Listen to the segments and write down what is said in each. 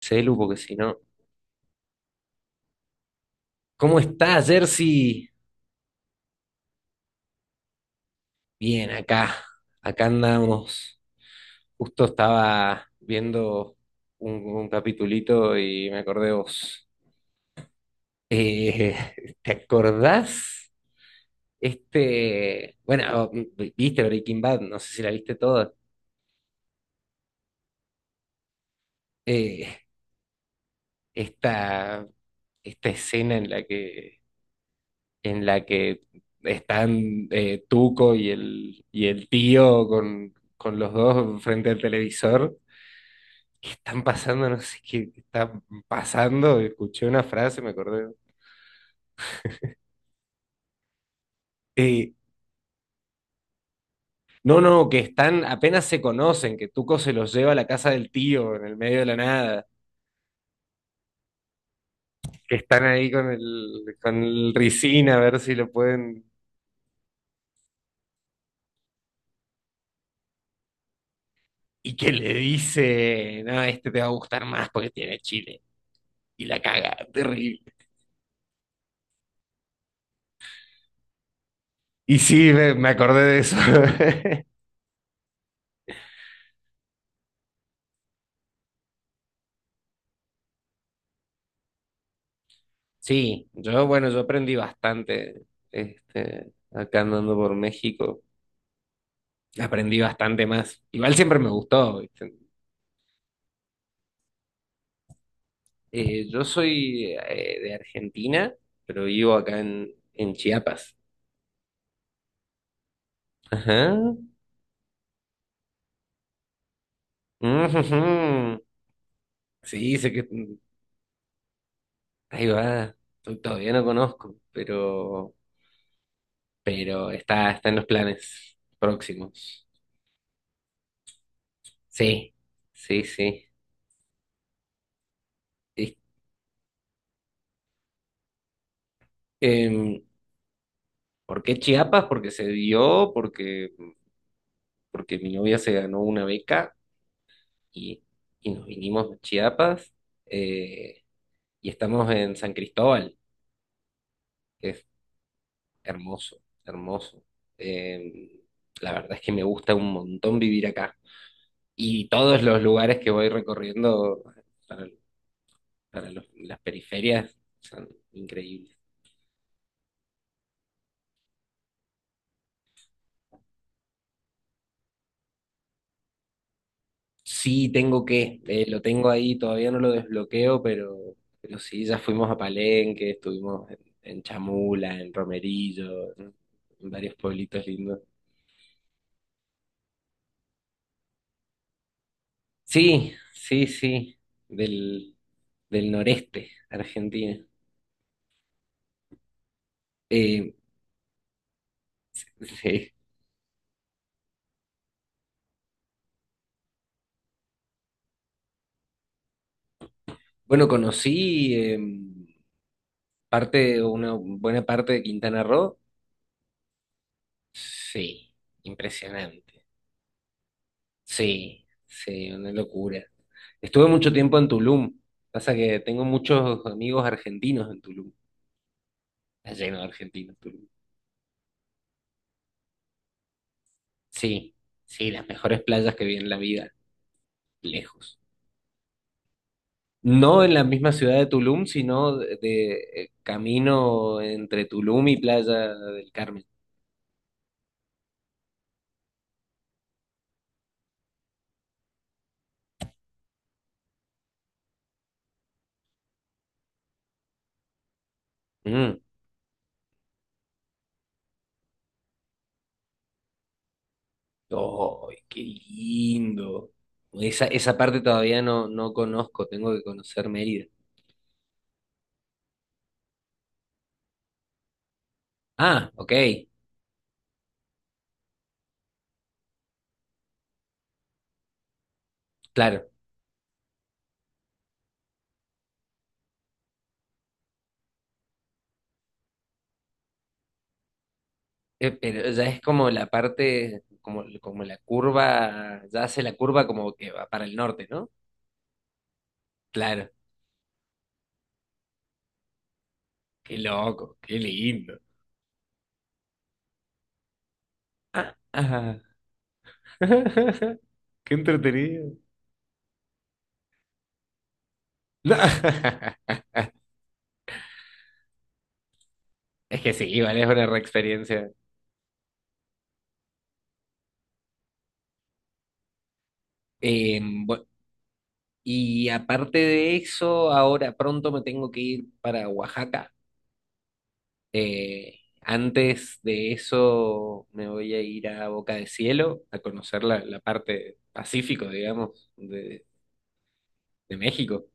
Celu, porque si no. ¿Cómo está Jersey? Bien, acá. Acá andamos. Justo estaba viendo un capitulito y me acordé de vos. Eh, ¿Te acordás? Este. Bueno, viste Breaking Bad, no sé si la viste toda. Eh, esta, esta escena en la que están Tuco y y el tío con los dos frente al televisor. ¿Qué están pasando? No sé qué está pasando. Escuché una frase, me acordé. Eh, no, no, que están, apenas se conocen, que Tuco se los lleva a la casa del tío en el medio de la nada, que están ahí con con el Ricin a ver si lo pueden. Y que le dice, no, este te va a gustar más porque tiene chile. Y la caga, terrible. Y sí, me acordé de eso. Sí, yo, bueno, yo aprendí bastante, este, acá andando por México. Aprendí bastante más. Igual siempre me gustó. ¿Viste? Yo soy de Argentina, pero vivo acá en Chiapas. Ajá. Ujujú. Sí, sé que ahí va. Todavía no conozco, pero está, está en los planes próximos. Sí, sí, sí. Y, em, ¿Por qué Chiapas? Porque se dio, porque, porque mi novia se ganó una beca y, y nos vinimos a Chiapas. Eh, Y estamos en San Cristóbal, que es hermoso, hermoso. Eh, la verdad es que me gusta un montón vivir acá. Y todos los lugares que voy recorriendo para, para las periferias son increíbles. Sí, tengo que, lo tengo ahí, todavía no lo desbloqueo, pero sí, ya fuimos a Palenque, estuvimos en Chamula, en Romerillo, en varios pueblitos lindos. Sí, sí, sí, del, del noreste argentino. Eh, sí. Bueno, conocí parte, una buena parte de Quintana Roo. Sí, impresionante. Sí, sí, una locura. Estuve mucho tiempo en Tulum. Pasa que tengo muchos amigos argentinos en Tulum. Está lleno de argentinos Tulum. Sí, sí, las mejores playas que vi en la vida, lejos. No en la misma ciudad de Tulum, sino camino entre Tulum y Playa del Carmen. Mm. Oh, qué lindo. Esa parte todavía no, no conozco, tengo que conocer Mérida. Ah, ok, claro. Pero ya es como la parte, como, como la curva, ya hace la curva como que va para el norte, ¿no? Claro, qué loco, qué lindo. Ah, ah. Qué entretenido. No. Es que sí, vale, es una reexperiencia. Eh, bu- y aparte de eso, ahora pronto me tengo que ir para Oaxaca. Antes de eso me voy a ir a Boca de Cielo a conocer la, la parte pacífico, digamos, de México.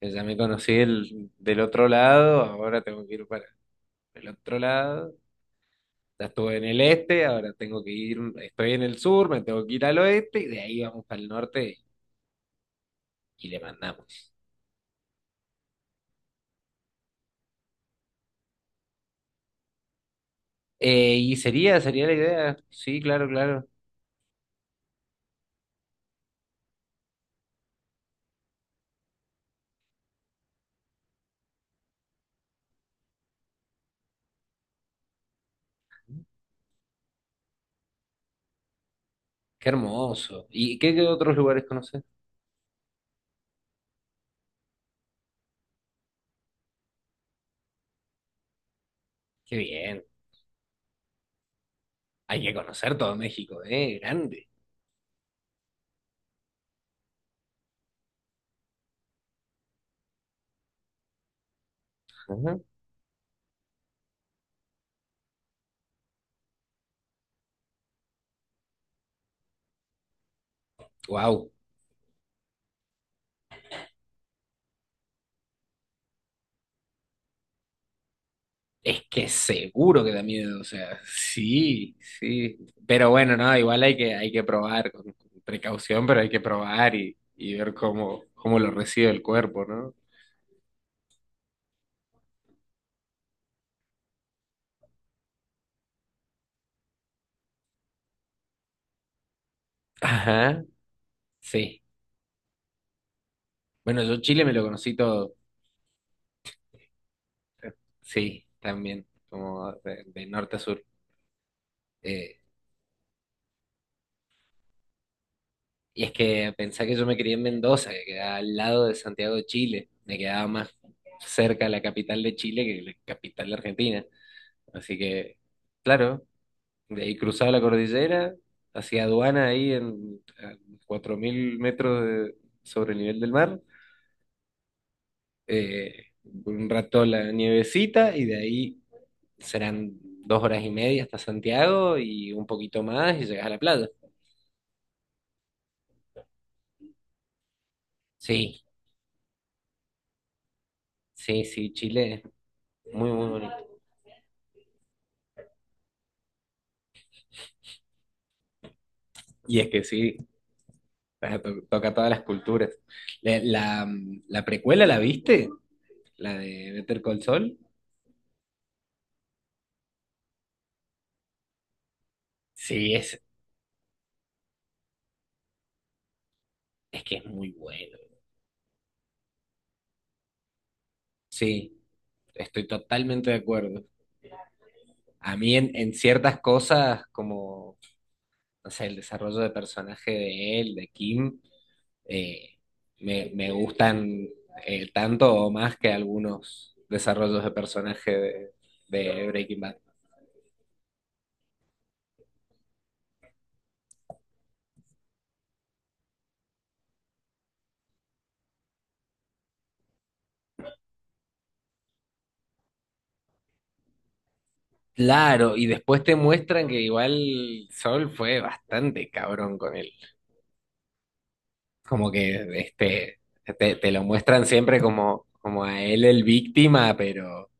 Que ya me conocí del otro lado, ahora tengo que ir para el otro lado. Ya estuve en el este, ahora tengo que ir, estoy en el sur, me tengo que ir al oeste y de ahí vamos para el norte y le mandamos. Y sería, sería la idea. Sí, claro, claro. Qué hermoso. ¿Y qué, qué otros lugares conoces? Qué bien. Hay que conocer todo México, ¿eh? Grande. Ujú. Wow. Es que seguro que da miedo, o sea, sí, sí. Pero bueno, no, igual hay que probar con precaución, pero hay que probar y ver cómo, cómo lo recibe el cuerpo, ¿no? Ajá. Sí. Bueno, yo Chile me lo conocí todo. Sí, también, como de norte a sur. Eh, Y es que pensá que yo me crié en Mendoza, que quedaba al lado de Santiago de Chile. Me quedaba más cerca la capital de Chile que la capital de Argentina. Así que, claro, de ahí cruzaba la cordillera, hacía aduana ahí en a 4.000 metros sobre el nivel del mar. eh, un rato la nievecita y de ahí serán 2 horas y media hasta Santiago y un poquito más y llegas a la playa. Sí, sí, sí, Chile es muy, muy bonito. Y es que sí, sea, toca todas las culturas. La, la precuela, ¿la viste? La de Better Call Saul. Sí, es, es que es muy bueno. Sí, estoy totalmente de acuerdo. A mí en ciertas cosas, como, no sé, el desarrollo de personaje de él, de Kim, eh, me gustan tanto o más que algunos desarrollos de personaje de Breaking Bad. Claro, y después te muestran que igual Sol fue bastante cabrón con él. Como que este, te lo muestran siempre como, como a él el víctima,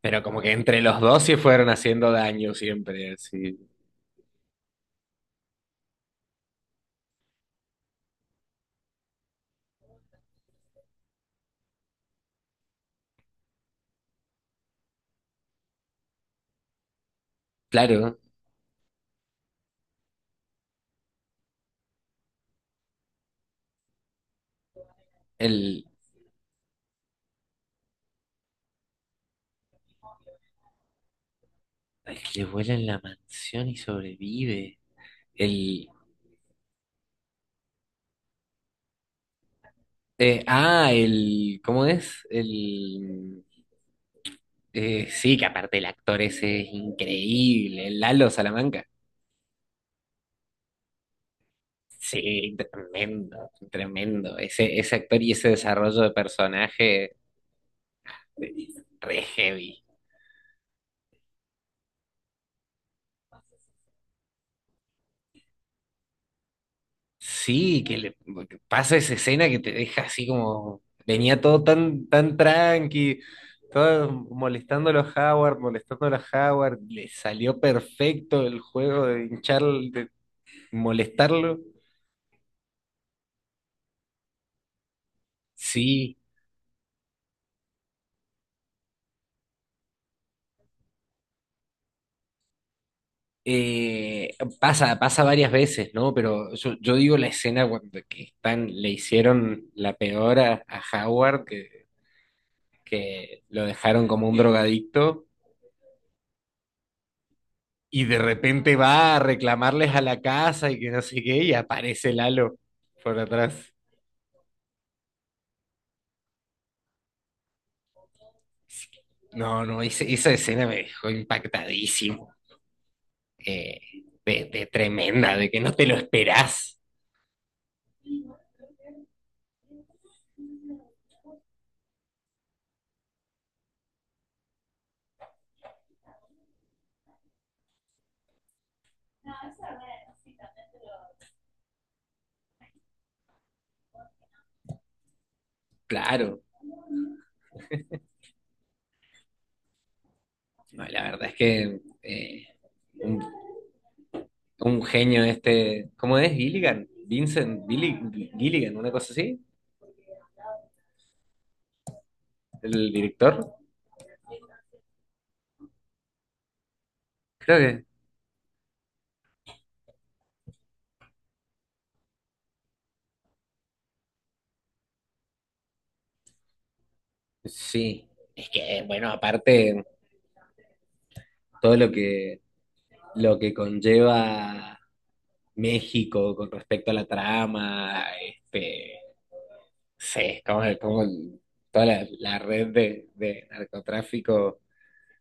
pero como que entre los dos se fueron haciendo daño siempre, así. Claro, el, el que le vuela en la mansión y sobrevive. El, ah, el, ¿cómo es? El, sí, que aparte el actor ese es increíble, el Lalo Salamanca. Sí, tremendo, tremendo. Ese actor y ese desarrollo de personaje eh, re heavy. Sí, que le que pasa esa escena que te deja así como. Venía todo tan, tan tranqui, todo molestando a los Howard, molestando a los Howard. Le salió perfecto el juego de hinchar, de molestarlo. Sí, eh, pasa varias veces, ¿no? Pero yo digo la escena cuando que están, le hicieron la peor a Howard, que lo dejaron como un drogadicto y de repente va a reclamarles a la casa y que no sé qué, y aparece Lalo por atrás. No, no, esa escena me dejó impactadísimo, eh, de tremenda, de que no te lo esperás. Claro, no, la verdad es que un, un genio este, ¿cómo es? Gilligan, Gilligan, una cosa así, el director, creo que sí. Es que, bueno, aparte todo lo que conlleva México con respecto a la trama, este, sé, como, como toda la, la red de narcotráfico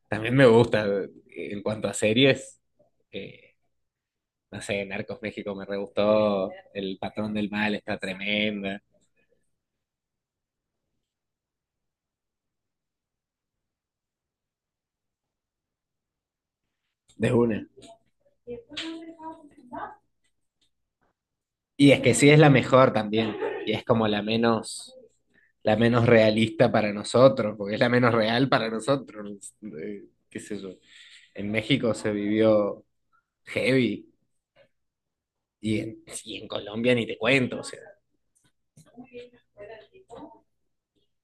también me gusta. En cuanto a series, eh, no sé, Narcos México me re gustó, El Patrón del Mal está tremenda, de una. Y es que sí es la mejor también, y es como la menos realista para nosotros, porque es la menos real para nosotros. Qué sé yo. En México se vivió heavy. Y y en Colombia ni te cuento, o sea,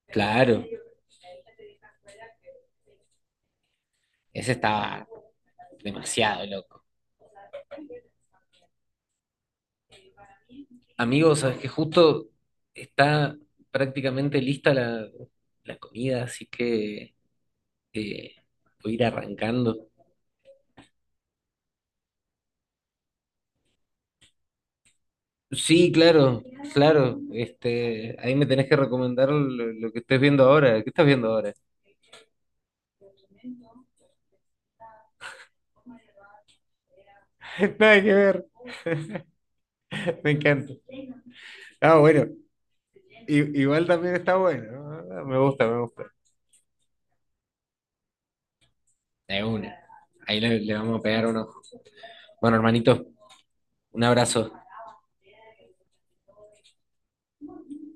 claro. Ese estaba demasiado loco. Amigos, sabes que justo está prácticamente lista la, la comida, así que eh, voy a ir arrancando. Sí, claro, claro. Este, ahí me tenés que recomendar lo que estés viendo ahora. ¿Qué estás viendo ahora? Nada que ver, me encanta. Ah, bueno, igual también está bueno, ¿no? Me gusta, me gusta. De una. Ahí le, le vamos a pegar uno. Bueno, hermanito, un abrazo.